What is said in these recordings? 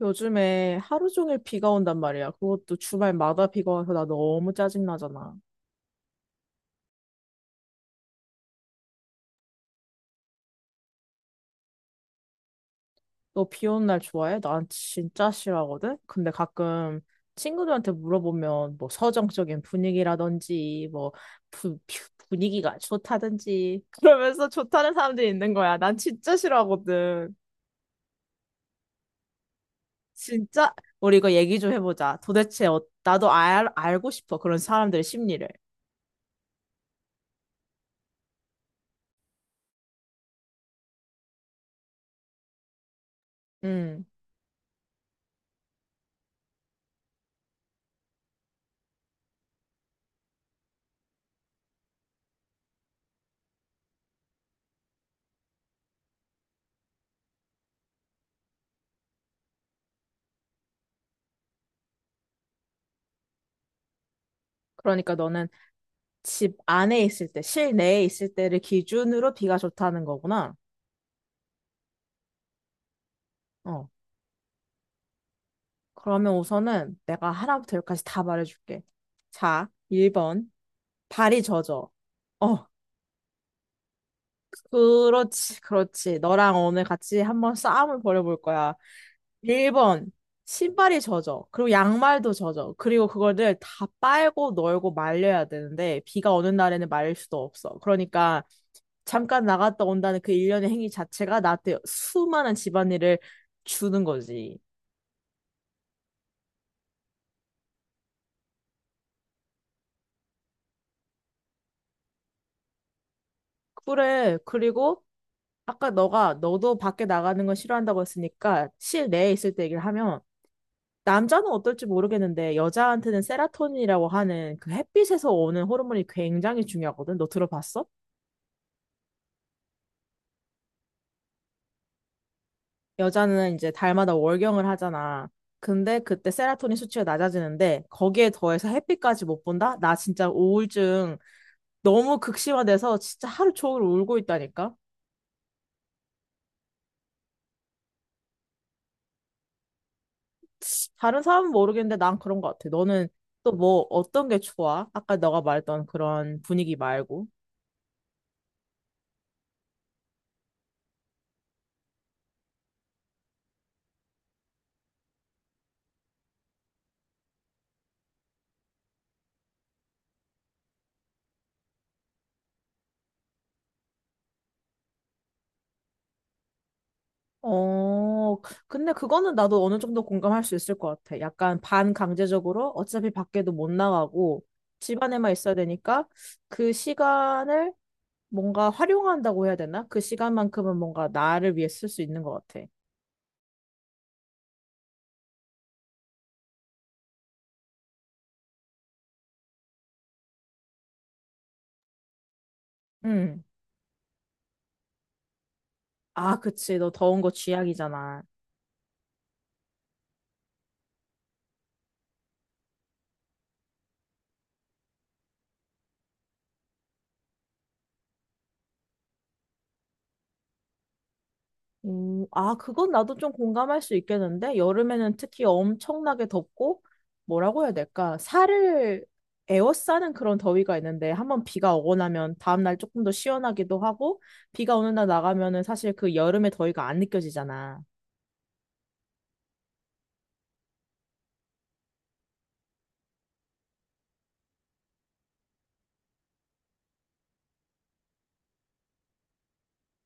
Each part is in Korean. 요즘에 하루 종일 비가 온단 말이야. 그것도 주말마다 비가 와서 나 너무 짜증나잖아. 너 비 오는 날 좋아해? 난 진짜 싫어하거든? 근데 가끔 친구들한테 물어보면 뭐 서정적인 분위기라든지 뭐 분위기가 좋다든지 그러면서 좋다는 사람들이 있는 거야. 난 진짜 싫어하거든. 진짜? 우리 이거 얘기 좀 해보자. 도대체 나도 알고 싶어. 그런 사람들의 심리를. 음. 그러니까 너는 집 안에 있을 때, 실내에 있을 때를 기준으로 비가 좋다는 거구나. 어. 그러면 우선은 내가 하나부터 열까지 다 말해줄게. 자, 1번. 발이 젖어. 어, 그렇지, 그렇지. 너랑 오늘 같이 한번 싸움을 벌여볼 거야. 1번. 신발이 젖어. 그리고 양말도 젖어. 그리고 그거를 다 빨고 널고 말려야 되는데, 비가 오는 날에는 말릴 수도 없어. 그러니까 잠깐 나갔다 온다는 그 일련의 행위 자체가 나한테 수많은 집안일을 주는 거지. 그래. 그리고 아까 너가 너도 밖에 나가는 건 싫어한다고 했으니까 실내에 있을 때 얘기를 하면 남자는 어떨지 모르겠는데 여자한테는 세라토닌이라고 하는 그 햇빛에서 오는 호르몬이 굉장히 중요하거든. 너 들어봤어? 여자는 이제 달마다 월경을 하잖아. 근데 그때 세라토닌 수치가 낮아지는데 거기에 더해서 햇빛까지 못 본다? 나 진짜 우울증 너무 극심화돼서 진짜 하루 종일 울고 있다니까. 다른 사람은 모르겠는데 난 그런 것 같아. 너는 또 뭐 어떤 게 좋아? 아까 너가 말했던 그런 분위기 말고. 어, 근데 그거는 나도 어느 정도 공감할 수 있을 것 같아. 약간 반강제적으로 어차피 밖에도 못 나가고 집 안에만 있어야 되니까 그 시간을 뭔가 활용한다고 해야 되나? 그 시간만큼은 뭔가 나를 위해 쓸 수 있는 것 같아. 응. 아, 그치. 너 더운 거 쥐약이잖아. 아, 그건 나도 좀 공감할 수 있겠는데, 여름에는 특히 엄청나게 덥고, 뭐라고 해야 될까, 살을 에워싸는 그런 더위가 있는데, 한번 비가 오고 나면 다음날 조금 더 시원하기도 하고, 비가 오는 날 나가면은 사실 그 여름의 더위가 안 느껴지잖아.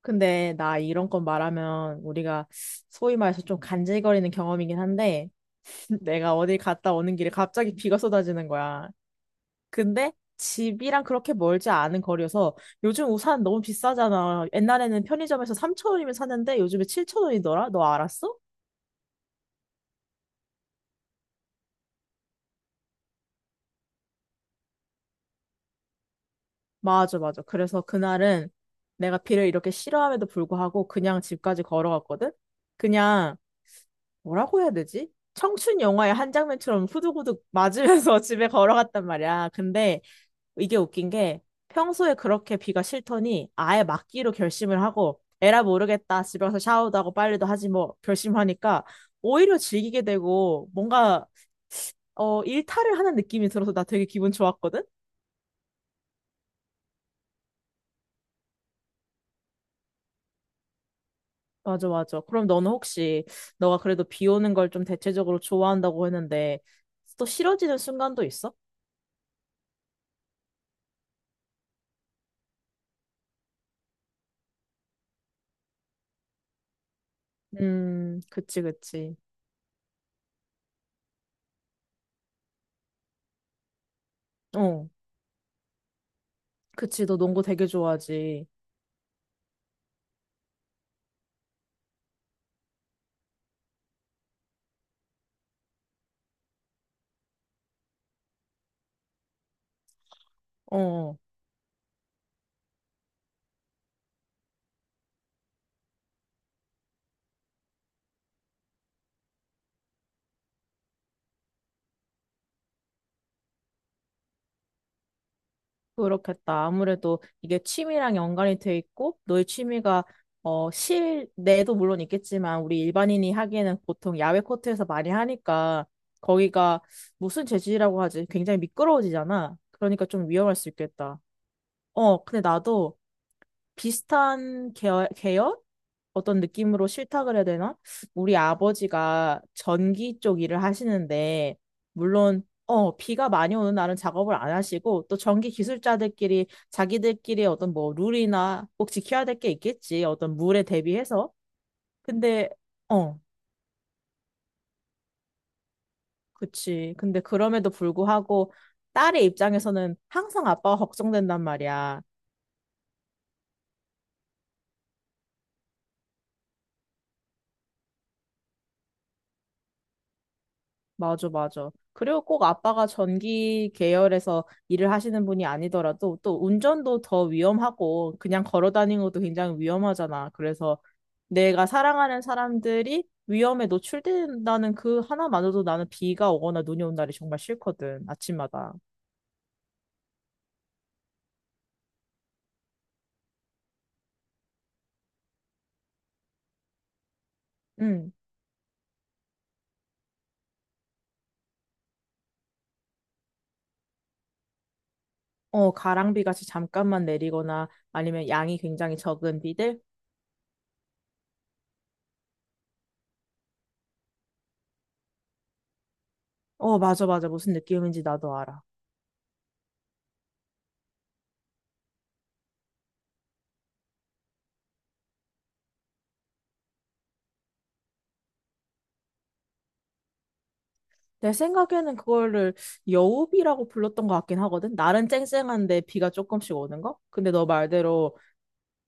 근데 나 이런 건 말하면 우리가 소위 말해서 좀 간질거리는 경험이긴 한데, 내가 어디 갔다 오는 길에 갑자기 비가 쏟아지는 거야. 근데 집이랑 그렇게 멀지 않은 거리여서 요즘 우산 너무 비싸잖아. 옛날에는 편의점에서 3,000원이면 샀는데 요즘에 7,000원이더라? 너 알았어? 맞아, 맞아. 그래서 그날은 내가 비를 이렇게 싫어함에도 불구하고 그냥 집까지 걸어갔거든? 그냥 뭐라고 해야 되지? 청춘 영화의 한 장면처럼 후두구두 맞으면서 집에 걸어갔단 말이야. 근데 이게 웃긴 게 평소에 그렇게 비가 싫더니 아예 막기로 결심을 하고 에라 모르겠다 집에 가서 샤워도 하고 빨래도 하지 뭐 결심하니까 오히려 즐기게 되고 뭔가 일탈을 하는 느낌이 들어서 나 되게 기분 좋았거든? 맞아 맞아. 그럼 너는 혹시 너가 그래도 비 오는 걸 좀 대체적으로 좋아한다고 했는데 또 싫어지는 순간도 있어? 그치 그치. 어, 그치 너 농구 되게 좋아하지. 어. 어. 그렇겠다. 아무래도 이게 취미랑 연관이 돼 있고, 너의 취미가 어, 실내도 물론 있겠지만, 우리 일반인이 하기에는 보통 야외 코트에서 많이 하니까, 거기가 무슨 재질이라고 하지? 굉장히 미끄러워지잖아. 그러니까 좀 위험할 수 있겠다. 어, 근데 나도 비슷한 계열? 어떤 느낌으로 실탁그래야 되나? 우리 아버지가 전기 쪽 일을 하시는데, 물론, 비가 많이 오는 날은 작업을 안 하시고, 또 전기 기술자들끼리 자기들끼리 어떤 뭐 룰이나 꼭 지켜야 될 게 있겠지. 어떤 물에 대비해서. 근데, 어, 그치. 근데 그럼에도 불구하고, 딸의 입장에서는 항상 아빠가 걱정된단 말이야. 맞아, 맞아. 그리고 꼭 아빠가 전기 계열에서 일을 하시는 분이 아니더라도 또 운전도 더 위험하고 그냥 걸어 다니는 것도 굉장히 위험하잖아. 그래서 내가 사랑하는 사람들이 위험에 노출된다는 그 하나만으로도 나는 비가 오거나 눈이 온 날이 정말 싫거든. 아침마다. 응. 어, 가랑비 같이 잠깐만 내리거나 아니면 양이 굉장히 적은 비들? 어, 맞아, 맞아. 무슨 느낌인지 나도 알아. 내 생각에는 그거를 여우비라고 불렀던 것 같긴 하거든. 날은 쨍쨍한데 비가 조금씩 오는 거? 근데 너 말대로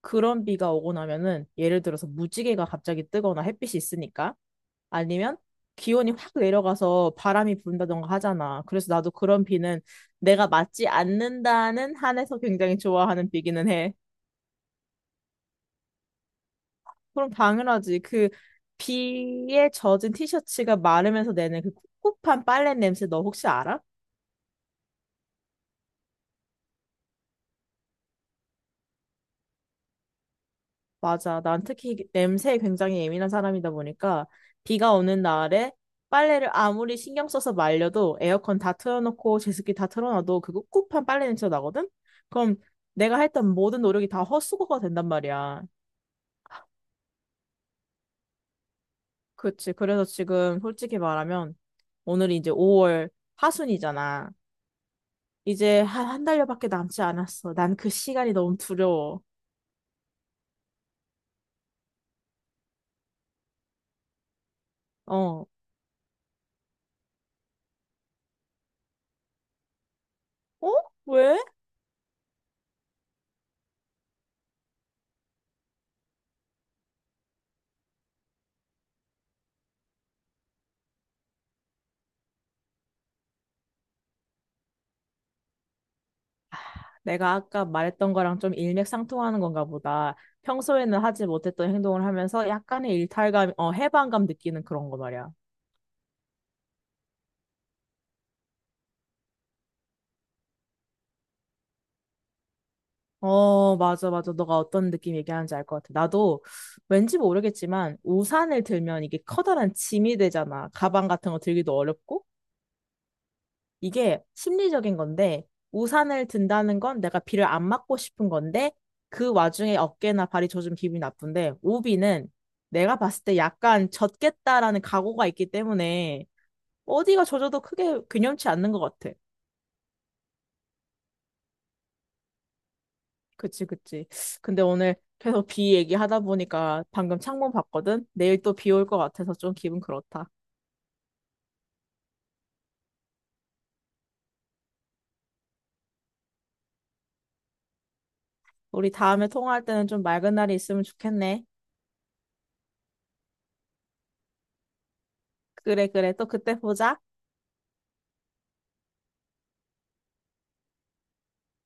그런 비가 오고 나면은 예를 들어서 무지개가 갑자기 뜨거나 햇빛이 있으니까 아니면 기온이 확 내려가서 바람이 분다던가 하잖아. 그래서 나도 그런 비는 내가 맞지 않는다는 한에서 굉장히 좋아하는 비기는 해. 그럼 당연하지. 그 비에 젖은 티셔츠가 마르면서 내는 그 꿉꿉한 빨래 냄새 너 혹시 알아? 맞아. 난 특히 냄새에 굉장히 예민한 사람이다 보니까 비가 오는 날에 빨래를 아무리 신경 써서 말려도 에어컨 다 틀어놓고 제습기 다 틀어놔도 그 꿉꿉한 빨래 냄새가 나거든? 그럼 내가 했던 모든 노력이 다 헛수고가 된단 말이야. 그치. 그래서 지금 솔직히 말하면 오늘이 이제 5월 하순이잖아. 이제 한 달여밖에 남지 않았어. 난 그 시간이 너무 두려워. 어. 어? 왜? 내가 아까 말했던 거랑 좀 일맥상통하는 건가 보다. 평소에는 하지 못했던 행동을 하면서 약간의 일탈감, 해방감 느끼는 그런 거 말이야. 어, 맞아, 맞아. 너가 어떤 느낌 얘기하는지 알 것 같아. 나도 왠지 모르겠지만 우산을 들면 이게 커다란 짐이 되잖아. 가방 같은 거 들기도 어렵고. 이게 심리적인 건데, 우산을 든다는 건 내가 비를 안 맞고 싶은 건데, 그 와중에 어깨나 발이 젖으면 기분이 나쁜데, 우비는 내가 봤을 때 약간 젖겠다라는 각오가 있기 때문에, 어디가 젖어도 크게 근염치 않는 것 같아. 그치, 그치. 근데 오늘 계속 비 얘기하다 보니까 방금 창문 봤거든? 내일 또 비 올 것 같아서 좀 기분 그렇다. 우리 다음에 통화할 때는 좀 맑은 날이 있으면 좋겠네. 그래, 그래. 또 그때 보자.